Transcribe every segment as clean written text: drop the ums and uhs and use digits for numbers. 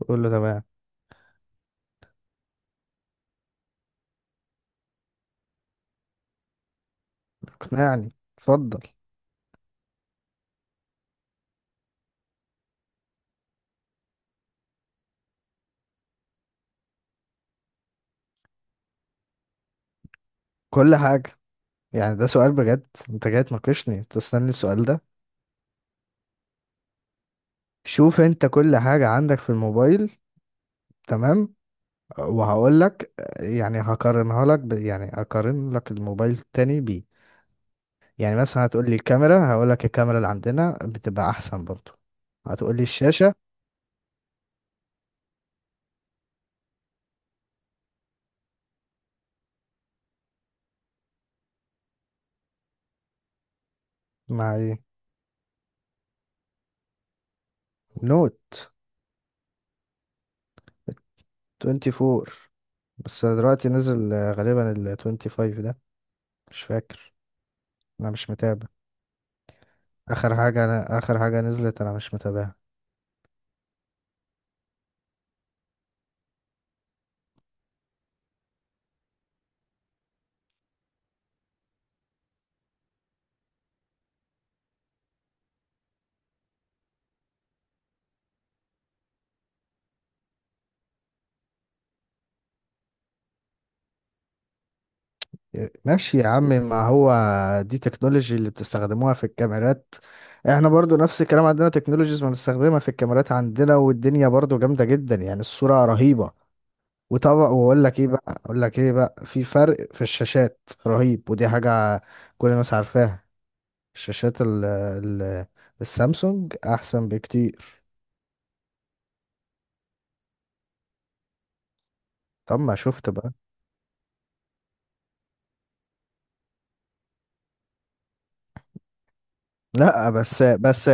بقول له تمام. اقنعني، اتفضل. كل حاجة. يعني ده سؤال بجد؟ انت جاي تناقشني تستني السؤال ده؟ شوف، انت كل حاجة عندك في الموبايل، تمام، وهقول لك. يعني يعني هقارن لك الموبايل التاني بيه. يعني مثلا هتقول لي الكاميرا، هقول لك الكاميرا اللي عندنا بتبقى احسن برضو. هتقول لي الشاشة. مع ايه؟ نوت 24. بس دلوقتي نزل، غالبا ال 25 ده. مش فاكر، انا مش متابع. اخر حاجه نزلت انا مش متابعها. ماشي يا عم، ما هو دي تكنولوجي اللي بتستخدموها في الكاميرات. احنا برضو نفس الكلام، عندنا تكنولوجيز بنستخدمها في الكاميرات عندنا، والدنيا برضو جامده جدا، يعني الصوره رهيبه. وطبعا واقول لك ايه بقى اقول لك ايه بقى، في فرق في الشاشات رهيب، ودي حاجه كل الناس عارفاها. الشاشات ال ال السامسونج احسن بكتير. طب ما شفت بقى. لا، بس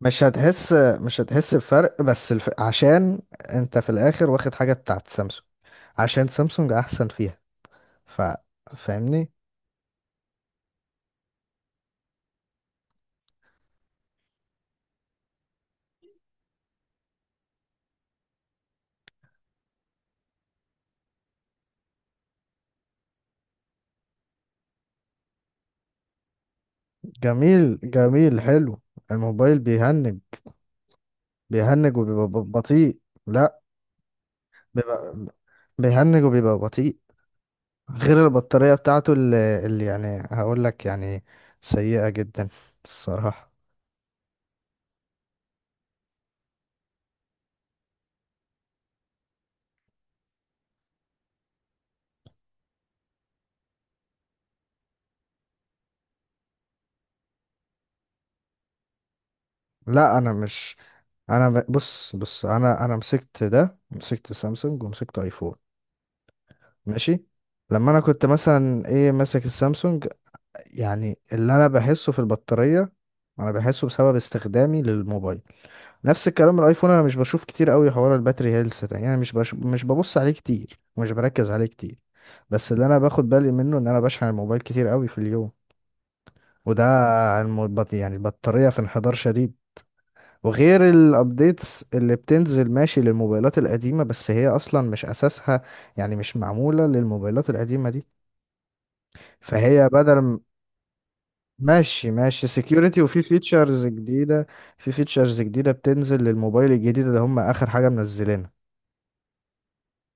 مش هتحس مش هتحس بفرق، بس عشان انت في الاخر واخد حاجة بتاعت سامسونج، عشان سامسونج احسن فيها. ف فاهمني. جميل جميل، حلو. الموبايل بيهنج. وبيبقى بطيء. لا، بيبقى بيهنج وبيبقى بطيء. غير البطارية بتاعته اللي يعني هقول لك، يعني سيئة جدا الصراحة. لا، انا مش انا بص بص، انا مسكت سامسونج ومسكت ايفون. ماشي. لما انا كنت مثلا ايه ماسك السامسونج، يعني اللي انا بحسه في البطارية انا بحسه بسبب استخدامي للموبايل. نفس الكلام الايفون، انا مش بشوف كتير قوي حوار الباتري هيلث ده، يعني مش ببص عليه كتير ومش بركز عليه كتير. بس اللي انا باخد بالي منه ان انا بشحن الموبايل كتير قوي في اليوم، وده يعني البطارية في انحدار شديد. وغير الابديتس اللي بتنزل ماشي للموبايلات القديمة، بس هي اصلا مش اساسها، يعني مش معمولة للموبايلات القديمة دي. فهي بدل م- ماشي ماشي، سكيورتي وفي فيتشرز جديدة. في فيتشرز جديدة بتنزل للموبايل الجديد اللي هم اخر حاجة منزلينها،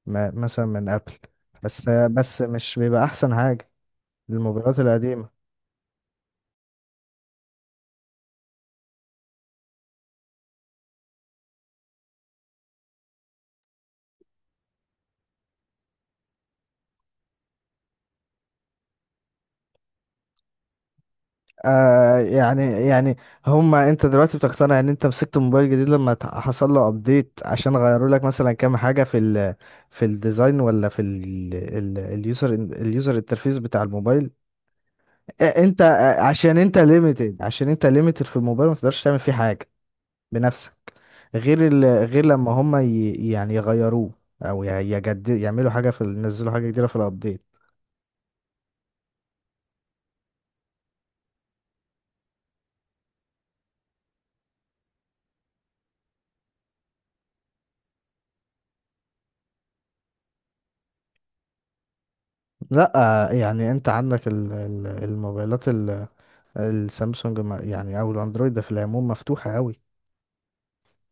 مثلا من ابل. بس مش بيبقى احسن حاجة للموبايلات القديمة. آه، يعني انت دلوقتي بتقتنع ان انت مسكت موبايل جديد لما حصل له ابديت عشان غيروا لك مثلا كام حاجة في الديزاين، ولا في ال ال اليوزر انترفيس بتاع الموبايل؟ انت، عشان انت ليميتد، عشان انت ليميتد في الموبايل ما تقدرش تعمل فيه حاجة بنفسك. غير ال غير لما هما يعني يغيروه، او يعملوا حاجة ينزلوا حاجة جديدة في الابديت. لا. يعني انت عندك الموبايلات السامسونج، يعني او الاندرويد ده في العموم مفتوحة قوي،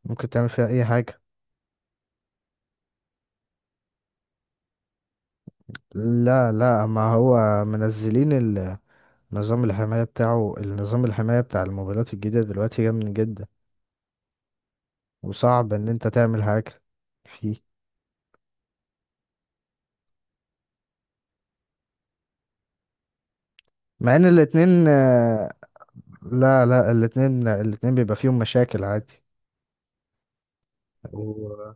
ممكن تعمل فيها اي حاجة. لا لا، ما هو منزلين نظام الحماية بتاعه النظام الحماية بتاع الموبايلات الجديدة دلوقتي جامد جدا، وصعب ان انت تعمل حاجة فيه. مع ان الاتنين، لا لا، الاتنين بيبقى فيهم مشاكل عادي. و-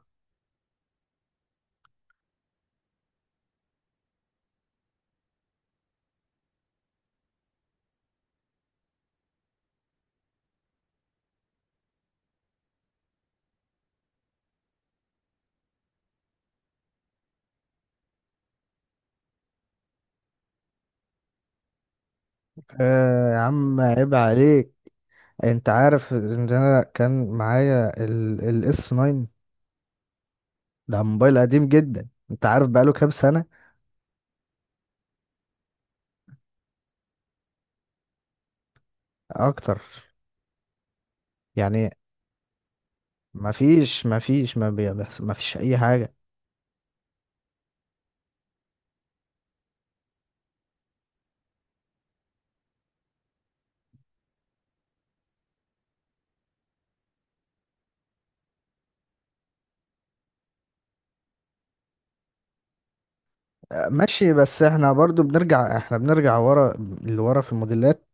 يا عم عيب عليك، انت عارف ان انا كان معايا الاس 9؟ ده موبايل قديم جدا، انت عارف بقاله كام سنة؟ اكتر. يعني ما فيش اي حاجه. ماشي، بس احنا بنرجع ورا، لورا في الموديلات،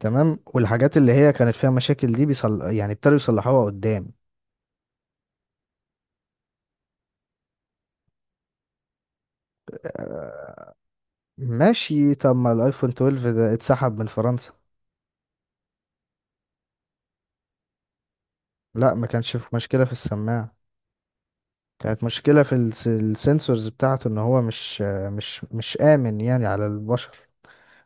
تمام. والحاجات اللي هي كانت فيها مشاكل دي يعني ابتدوا يصلحوها قدام. ماشي. طب ما الايفون 12 ده اتسحب من فرنسا. لا، ما كانش في مشكله في السماعه. كانت مشكله في السنسورز بتاعته، ان هو مش آه، مش مش امن يعني على البشر.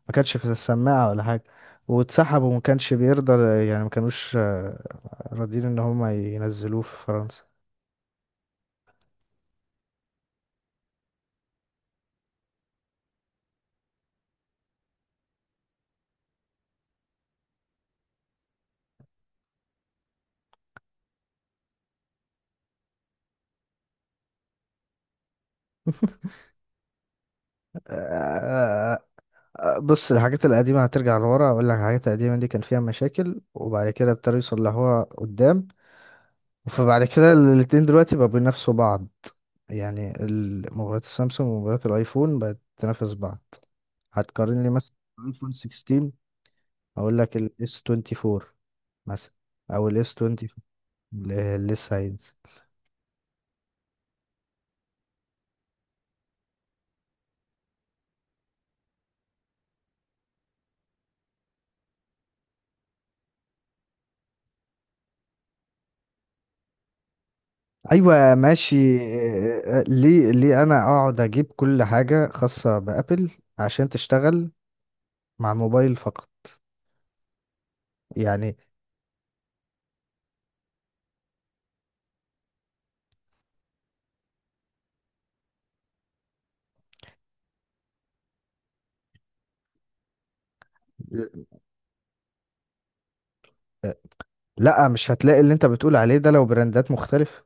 ما كانش في السماعة ولا حاجة، واتسحبوا وما كانش بيرضى، يعني ما كانوش راضيين ان هم ينزلوه في فرنسا. آه، آه، بص، الحاجات القديمة هترجع لورا. اقول لك، الحاجات القديمة دي كان فيها مشاكل، وبعد كده ابتدوا يصلحوها قدام. فبعد كده الاتنين دلوقتي بقوا بينافسوا بعض. يعني موبايلات السامسونج وموبايلات الايفون بقت تنافس بعض. هتقارن لي مثلا ايفون 16، اقول لك الاس 24 مثلا، او الاس 20 لسه هينزل. ايوه، ماشي. ليه ليه انا اقعد اجيب كل حاجه خاصه بابل عشان تشتغل مع الموبايل فقط؟ يعني، آه، لا، مش هتلاقي اللي انت بتقول عليه ده لو براندات مختلفه،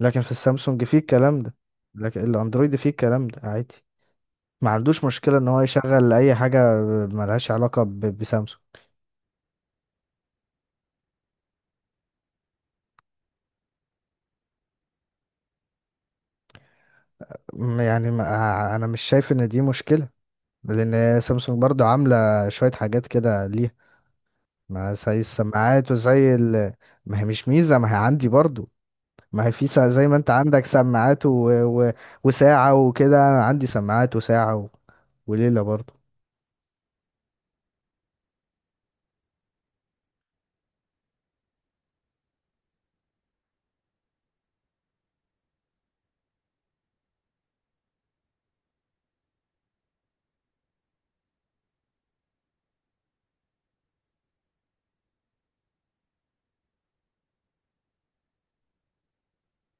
لكن في السامسونج فيه الكلام ده، لكن الاندرويد فيه الكلام ده عادي، ما عندوش مشكله ان هو يشغل اي حاجه. ملهاش علاقه بسامسونج. يعني ما انا مش شايف ان دي مشكله، لان سامسونج برضو عامله شويه حاجات كده ليها، ما زي السماعات وزي ما هي مش ميزة، ما هي عندي برضو، ما هي زي ما انت عندك سماعات و... وساعة وكده. أنا عندي سماعات وساعة وليلة برضو.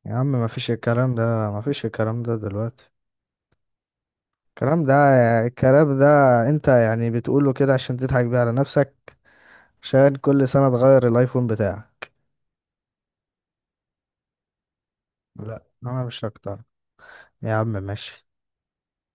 يا عم، ما فيش الكلام ده دلوقتي. الكلام ده الكلام ده انت يعني بتقوله كده عشان تضحك بيه على نفسك، عشان كل سنة تغير الايفون بتاعك. لا، انا مش هقتنع. يا عم ماشي.